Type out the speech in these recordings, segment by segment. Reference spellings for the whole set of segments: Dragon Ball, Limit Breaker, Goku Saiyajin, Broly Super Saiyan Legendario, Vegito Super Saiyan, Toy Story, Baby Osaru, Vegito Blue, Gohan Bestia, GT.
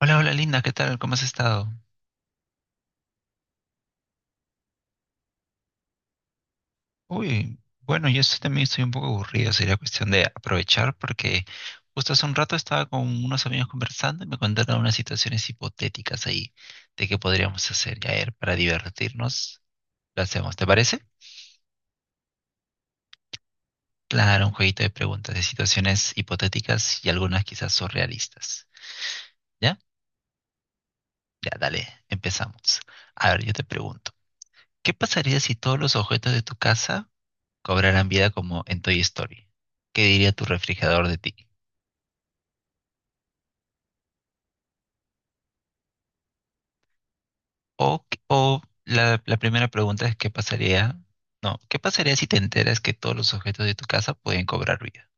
Hola, hola Linda, ¿qué tal? ¿Cómo has estado? Uy, bueno, también estoy un poco aburrido, sería cuestión de aprovechar porque justo hace un rato estaba con unos amigos conversando y me contaron unas situaciones hipotéticas ahí de qué podríamos hacer. Y a ver, para divertirnos, lo hacemos, ¿te parece? Claro, un jueguito de preguntas de situaciones hipotéticas y algunas quizás surrealistas. ¿Ya? Ya, dale, empezamos. A ver, yo te pregunto, ¿qué pasaría si todos los objetos de tu casa cobrarán vida como en Toy Story? ¿Qué diría tu refrigerador de ti? O la primera pregunta es, ¿qué pasaría? No, ¿qué pasaría si te enteras que todos los objetos de tu casa pueden cobrar vida?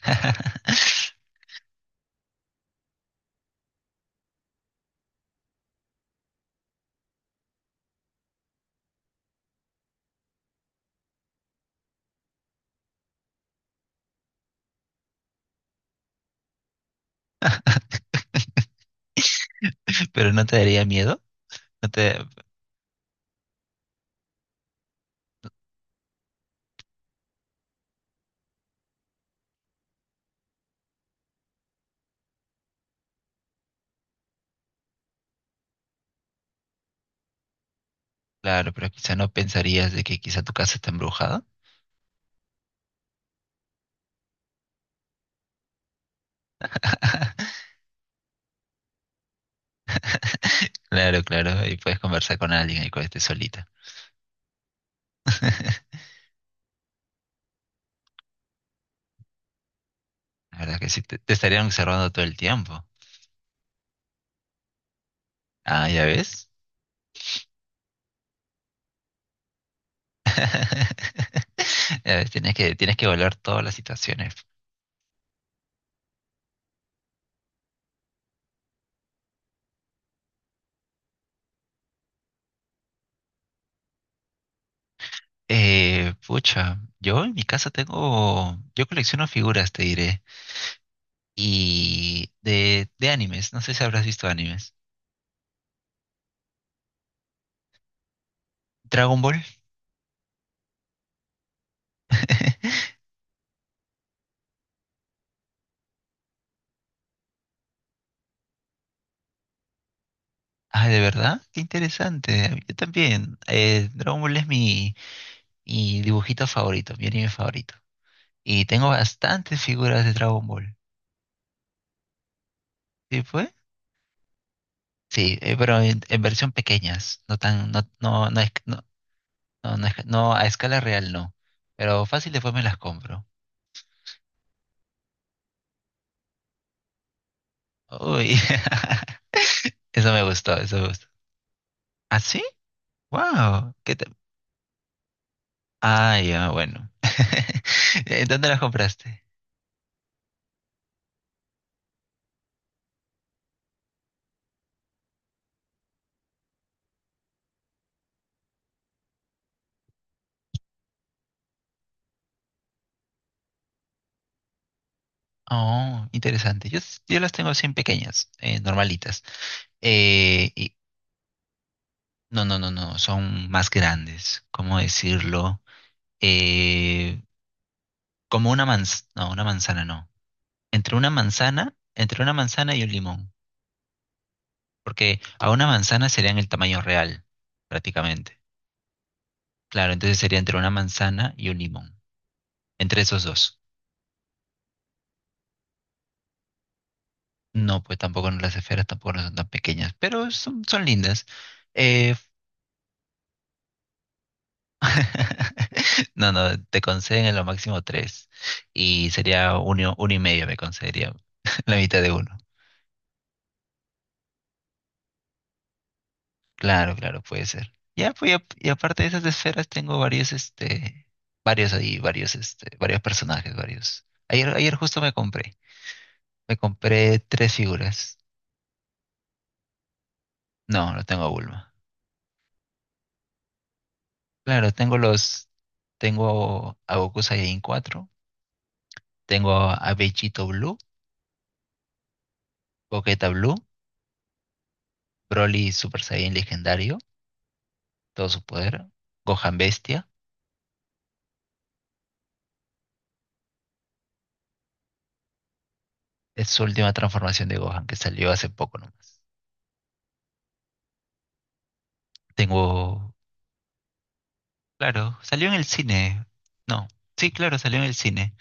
Pero no te daría miedo, no te, claro, pero quizá no pensarías de que quizá tu casa está embrujada. Claro, claro, y puedes conversar con alguien y cuando estés solita. La verdad que sí, te estarían observando todo el tiempo. Ah, ya ves. A ver, tienes que evaluar todas las situaciones. Pucha, yo en mi casa tengo, yo colecciono figuras, te diré, y de animes, no sé si habrás visto animes. Dragon Ball. Ah, ¿de verdad? Qué interesante. Yo también. Dragon Ball es mi, mi dibujito favorito, mi anime favorito. Y tengo bastantes figuras de Dragon Ball. ¿Sí fue? Sí, pero en versión pequeñas, no tan, no, no, no es, no- No, no, es no, a escala real no. Pero fácil después me las compro. Uy, eso me gustó, eso me gustó. ¿Ah, sí? ¡Wow! ¿Qué te- Ah, ya, bueno. ¿Dónde las compraste? Oh, interesante. Yo las tengo así en pequeñas, normalitas. Eh, y, no, no, no, no, son más grandes. ¿Cómo decirlo? Eh, como una manzana, no, una manzana no. Entre una manzana y un limón. Porque a una manzana serían el tamaño real, prácticamente. Claro, entonces sería entre una manzana y un limón. Entre esos dos. No, pues tampoco no- las esferas tampoco no son tan pequeñas, pero son, son lindas. Eh, No, no, te conceden en lo máximo tres. Y sería uno, uno y medio me concedería la mitad de uno. Claro, claro, puede ser. Ya, pues, y aparte de esas esferas tengo varios, este, varios ahí, varios, este, varios personajes, varios. Ayer, ayer justo me compré. Me compré tres figuras. No, no tengo a Bulma. Claro, tengo los. Tengo a Goku Saiyajin cuatro. Tengo a Vegito Blue, Boqueta Blue, Broly Super Saiyan Legendario, todo su poder. Gohan Bestia. Es su última transformación de Gohan que salió hace poco nomás. Tengo. Claro, salió en el cine. No. Sí, claro, salió en el cine.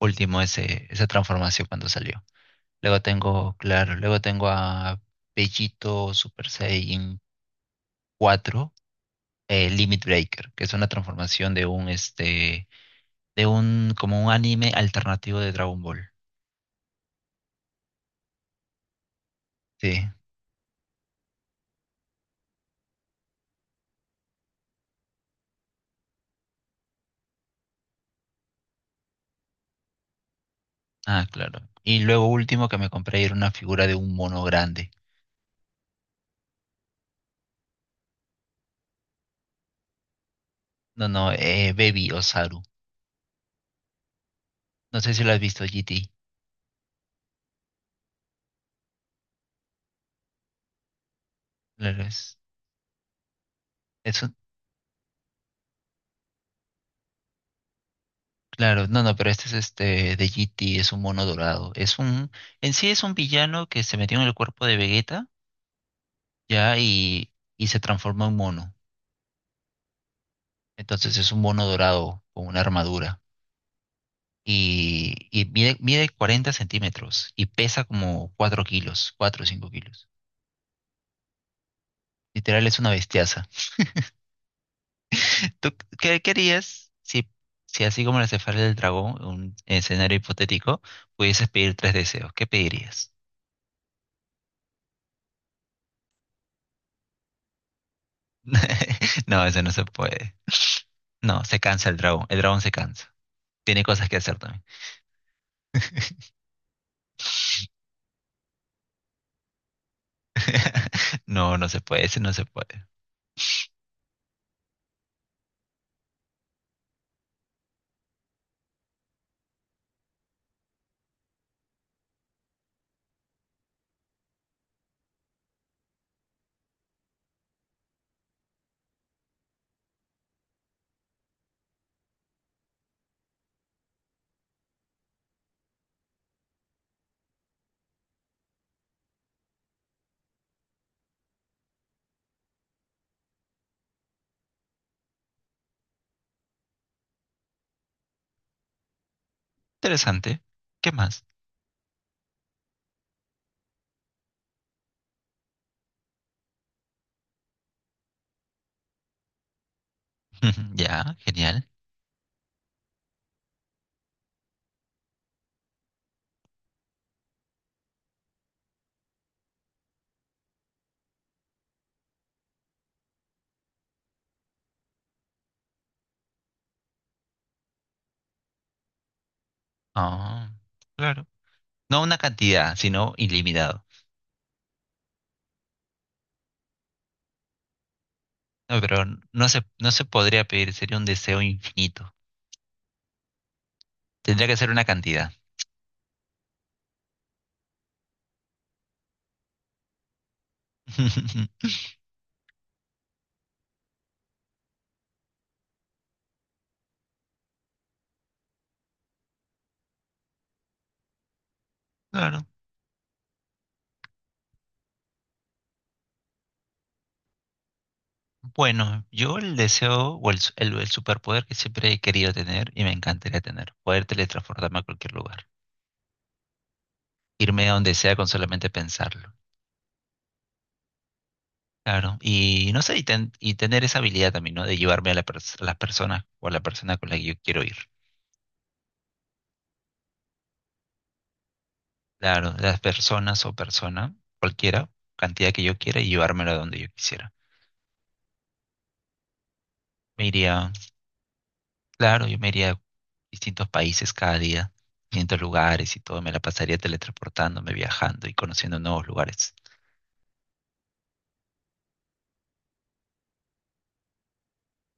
Último ese, esa transformación cuando salió. Luego tengo, claro, luego tengo a Vegito Super Saiyan cuatro, Limit Breaker, que es una transformación de un, este, de un, como un anime alternativo de Dragon Ball. Sí. Ah, claro. Y luego último que me compré era una figura de un mono grande. No, no, Baby Osaru. No sé si lo has visto, GT. Claro, es un- claro, no, no, pero este es este de GT. Es un mono dorado. Es un, en sí es un villano que se metió en el cuerpo de Vegeta, ya, y se transforma en mono. Entonces es un mono dorado con una armadura, y mide 40 centímetros y pesa como 4 kilos, 4 o 5 kilos. Literal es una bestiaza. ¿Tú qué querías si, si así como la cefalea del dragón, un escenario hipotético, pudieses pedir tres deseos? ¿Qué pedirías? No, eso no se puede. No, se cansa el dragón. El dragón se cansa. Tiene cosas que hacer también. No, no se puede, ese no se puede. Interesante. ¿Qué más? Ya, genial. Ah, claro. No una cantidad, sino ilimitado. No, pero no se podría pedir, sería un deseo infinito. Tendría que ser una cantidad. Claro. Bueno, yo el deseo o el, su- el superpoder que siempre he querido tener y me encantaría tener, poder teletransportarme a cualquier lugar, irme a donde sea con solamente pensarlo. Claro, y no sé, y, ten- y tener esa habilidad también, ¿no? De llevarme a la pers- a las personas o a la persona con la que yo quiero ir. Claro, las personas o persona, cualquiera, cantidad que yo quiera y llevármelo a donde yo quisiera. Me iría, claro, yo me iría a distintos países cada día, distintos lugares y todo, me la pasaría teletransportándome, viajando y conociendo nuevos lugares.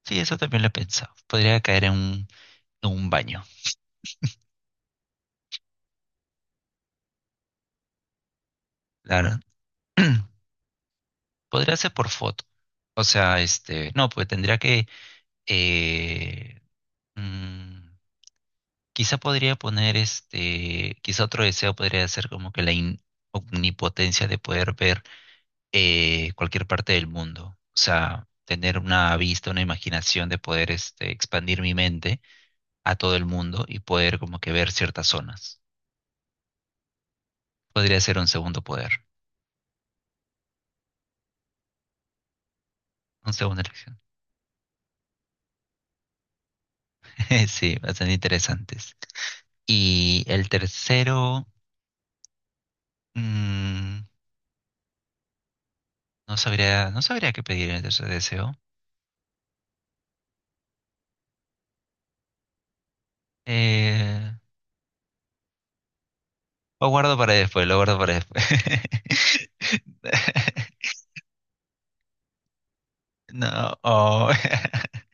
Sí, eso también lo he pensado. Podría caer en un baño, claro. Podría ser por foto. O sea, este, no, pues tendría que, eh, mm, quizá podría poner, este, quizá otro deseo podría ser como que la in- omnipotencia de poder ver cualquier parte del mundo. O sea, tener una vista, una imaginación de poder este, expandir mi mente a todo el mundo y poder como que ver ciertas zonas. Podría ser un segundo poder, una segunda elección. Sí, bastante interesantes. Y el tercero, mm, no sabría, no sabría qué pedir en el tercer deseo. Eh, lo guardo para después, lo guardo para después. No, oh.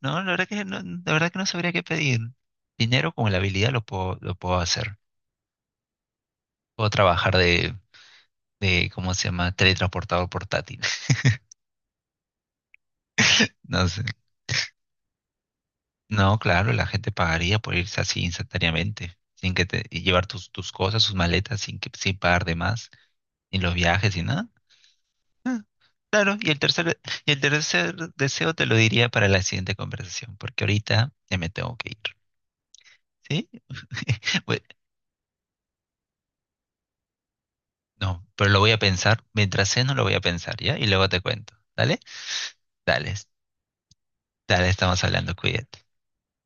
No, la verdad que no, la verdad que no sabría qué pedir. Dinero con la habilidad lo puedo hacer. Puedo trabajar ¿cómo se llama? Teletransportador portátil. No sé. No, claro, la gente pagaría por irse así instantáneamente, sin que te, y llevar tus cosas, sus maletas, sin pagar de más, ni los viajes, ni nada. Ah, claro, y el tercer deseo te lo diría para la siguiente conversación, porque ahorita ya me tengo que ir. ¿Sí? Voy No, pero lo voy a pensar. Mientras no lo voy a pensar, ¿ya? Y luego te cuento. ¿Dale? Dale, dale, estamos hablando, cuídate.